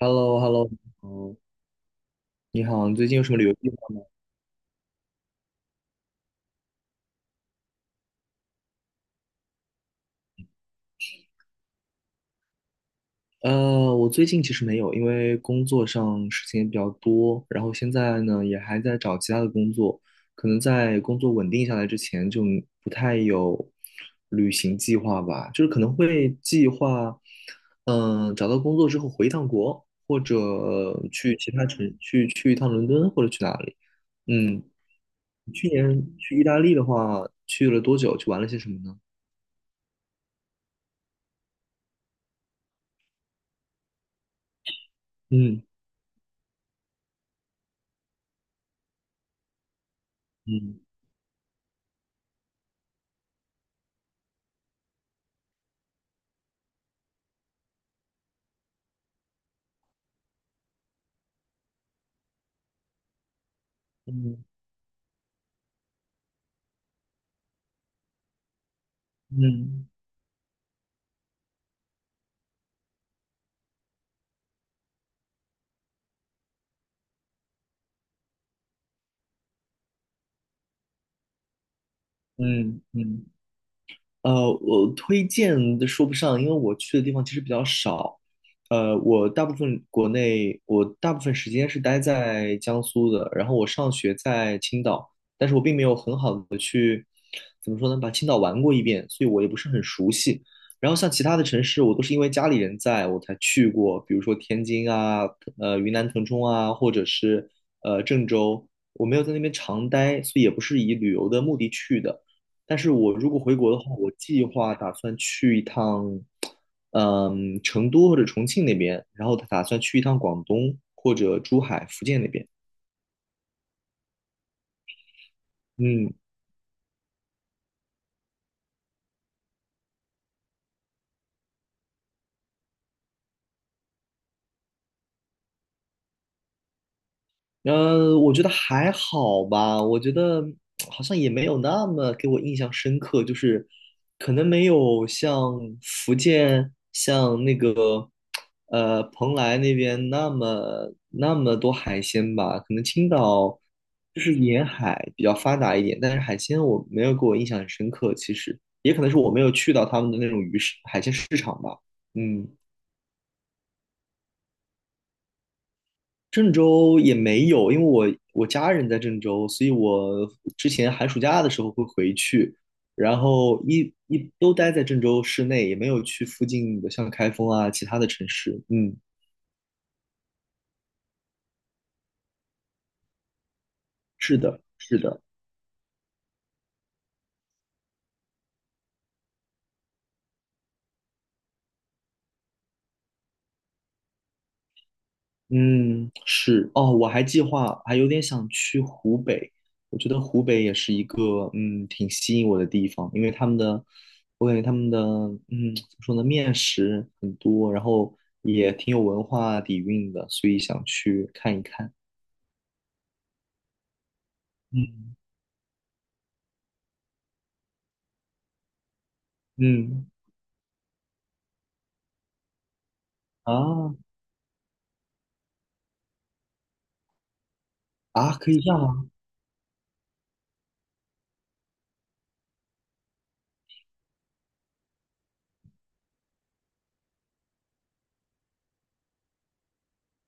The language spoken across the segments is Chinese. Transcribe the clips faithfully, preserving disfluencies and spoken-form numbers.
h e l l o h e l l o 嗯，你好，你最近有什么旅游计划吗？呃，我最近其实没有，因为工作上事情也比较多，然后现在呢也还在找其他的工作，可能在工作稳定下来之前就不太有旅行计划吧，就是可能会计划，嗯、找到工作之后回一趟国，或者去其他城，去去一趟伦敦或者去哪里。嗯，去年去意大利的话，去了多久？去玩了些什么呢？嗯嗯。嗯嗯嗯嗯，呃，我推荐的说不上，因为我去的地方其实比较少。呃，我大部分国内，我大部分时间是待在江苏的，然后我上学在青岛，但是我并没有很好的去，怎么说呢，把青岛玩过一遍，所以我也不是很熟悉。然后像其他的城市，我都是因为家里人在我才去过，比如说天津啊，呃，云南腾冲啊，或者是呃郑州，我没有在那边常待，所以也不是以旅游的目的去的。但是我如果回国的话，我计划打算去一趟，嗯，成都或者重庆那边，然后打算去一趟广东或者珠海、福建那边。嗯，呃，我觉得还好吧，我觉得好像也没有那么给我印象深刻，就是可能没有像福建、像那个呃蓬莱那边那么那么多海鲜吧，可能青岛就是沿海比较发达一点，但是海鲜我没有给我印象很深刻，其实也可能是我没有去到他们的那种鱼市海鲜市场吧，嗯。郑州也没有，因为我我家人在郑州，所以我之前寒暑假的时候会回去，然后一一都待在郑州市内，也没有去附近的像开封啊其他的城市。嗯，是的，是的。嗯，是哦，我还计划还有点想去湖北，我觉得湖北也是一个嗯挺吸引我的地方，因为他们的我感觉他们的嗯怎么说呢，面食很多，然后也挺有文化底蕴的，所以想去看一看。嗯嗯啊啊，可以这样吗？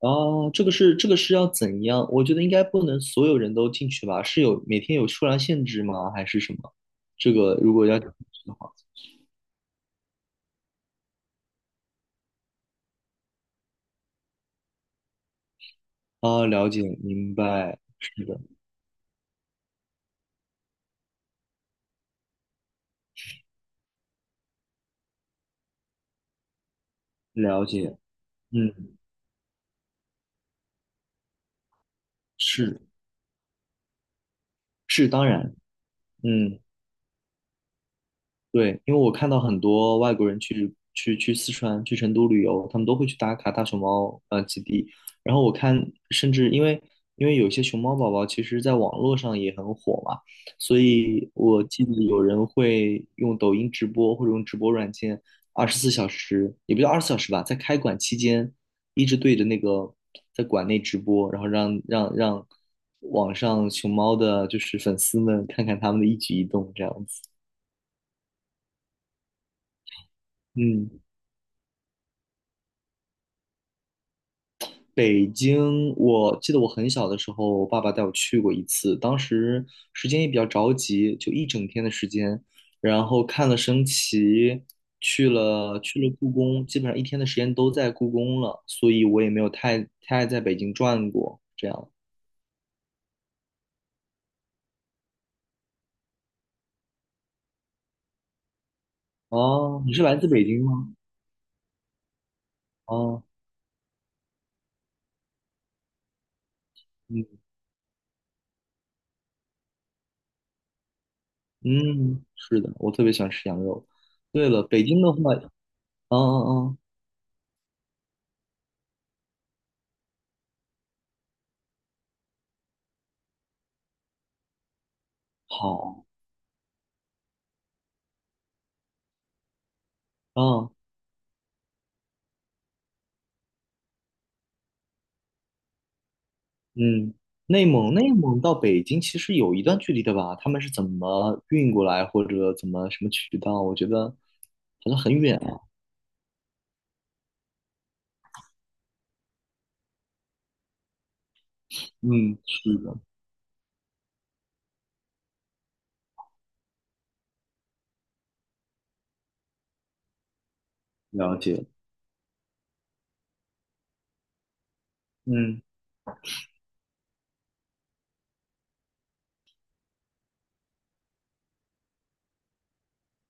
哦，这个是这个是要怎样？我觉得应该不能所有人都进去吧？是有每天有数量限制吗？还是什么？这个如果要进去的话。啊，了解，明白，是的，了解，嗯，是是，当然，嗯。对，因为我看到很多外国人去去去四川、去成都旅游，他们都会去打卡大熊猫呃基地。然后我看，甚至因为因为有些熊猫宝宝其实在网络上也很火嘛，所以我记得有人会用抖音直播或者用直播软件，二十四小时也不叫二十四小时吧，在开馆期间一直对着那个在馆内直播，然后让让让网上熊猫的就是粉丝们看看他们的一举一动这样子。嗯。北京，我记得我很小的时候，我爸爸带我去过一次，当时时间也比较着急，就一整天的时间，然后看了升旗，去了去了故宫，基本上一天的时间都在故宫了，所以我也没有太太在北京转过，这样。哦，你是来自北京吗？哦，嗯嗯，是的，我特别喜欢吃羊肉。对了，北京的话，嗯嗯嗯，好，嗯。嗯，内蒙内蒙到北京其实有一段距离的吧？他们是怎么运过来，或者怎么什么渠道？我觉得好像很远啊。嗯，是的，了解。嗯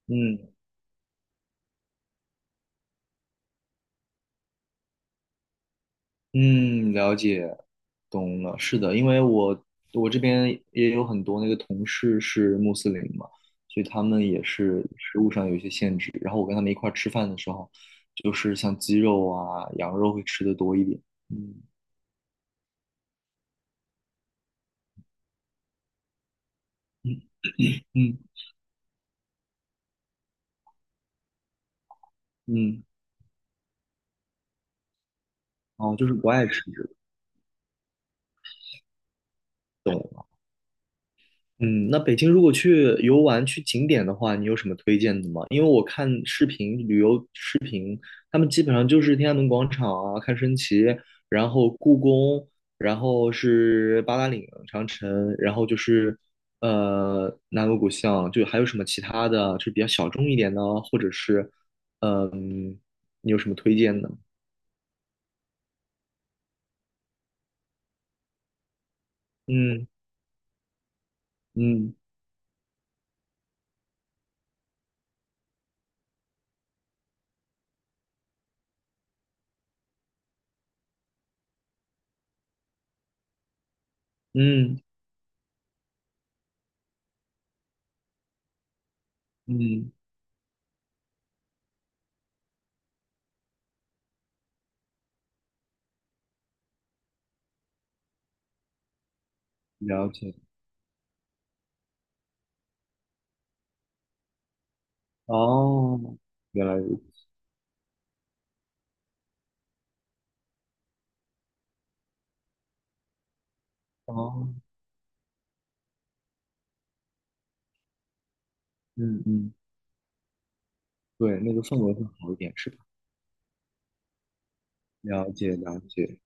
嗯嗯，了解，懂了。是的，因为我我这边也有很多那个同事是穆斯林嘛，所以他们也是食物上有一些限制。然后我跟他们一块儿吃饭的时候，就是像鸡肉啊、羊肉会吃的多一点。嗯嗯嗯。嗯哦，就是不爱吃这个，懂了。嗯，那北京如果去游玩、去景点的话，你有什么推荐的吗？因为我看视频旅游，他们基本上就是天安门广场啊，看升旗，然后故宫，然后是八达岭长城，然后就是呃南锣鼓巷，就还有什么其他的啊，就是比较小众一点的啊，或者是嗯，你有什么推荐的？嗯嗯嗯嗯，了解。哦，原来如此。哦，嗯嗯，对，那个氛围会好一点，是吧？了解了解，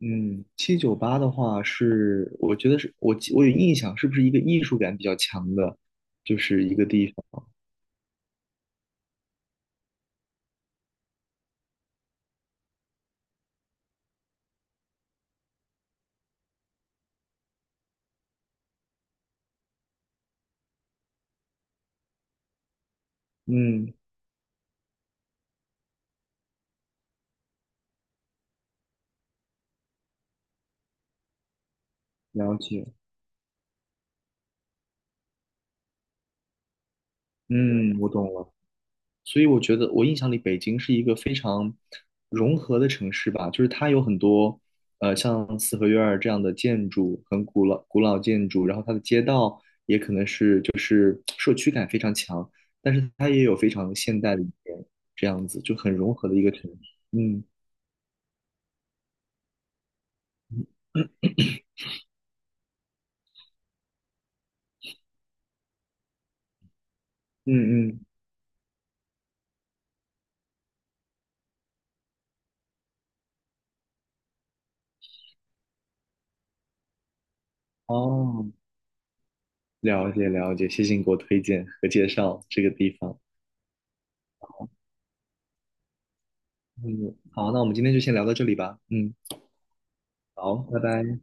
嗯，七九八的话是，我觉得是我记我有印象，是不是一个艺术感比较强的，就是一个地方？嗯，了解，嗯，我懂了。所以我觉得我印象里北京是一个非常融合的城市吧，就是它有很多呃像四合院儿这样的建筑，很古老古老建筑，然后它的街道也可能是就是社区感非常强，但是它也有非常现代的一面，这样子就很融合的一个城市。嗯嗯嗯，哦，了解了解，谢谢你给我推荐和介绍这个地方。嗯，好，那我们今天就先聊到这里吧。嗯，好，拜拜。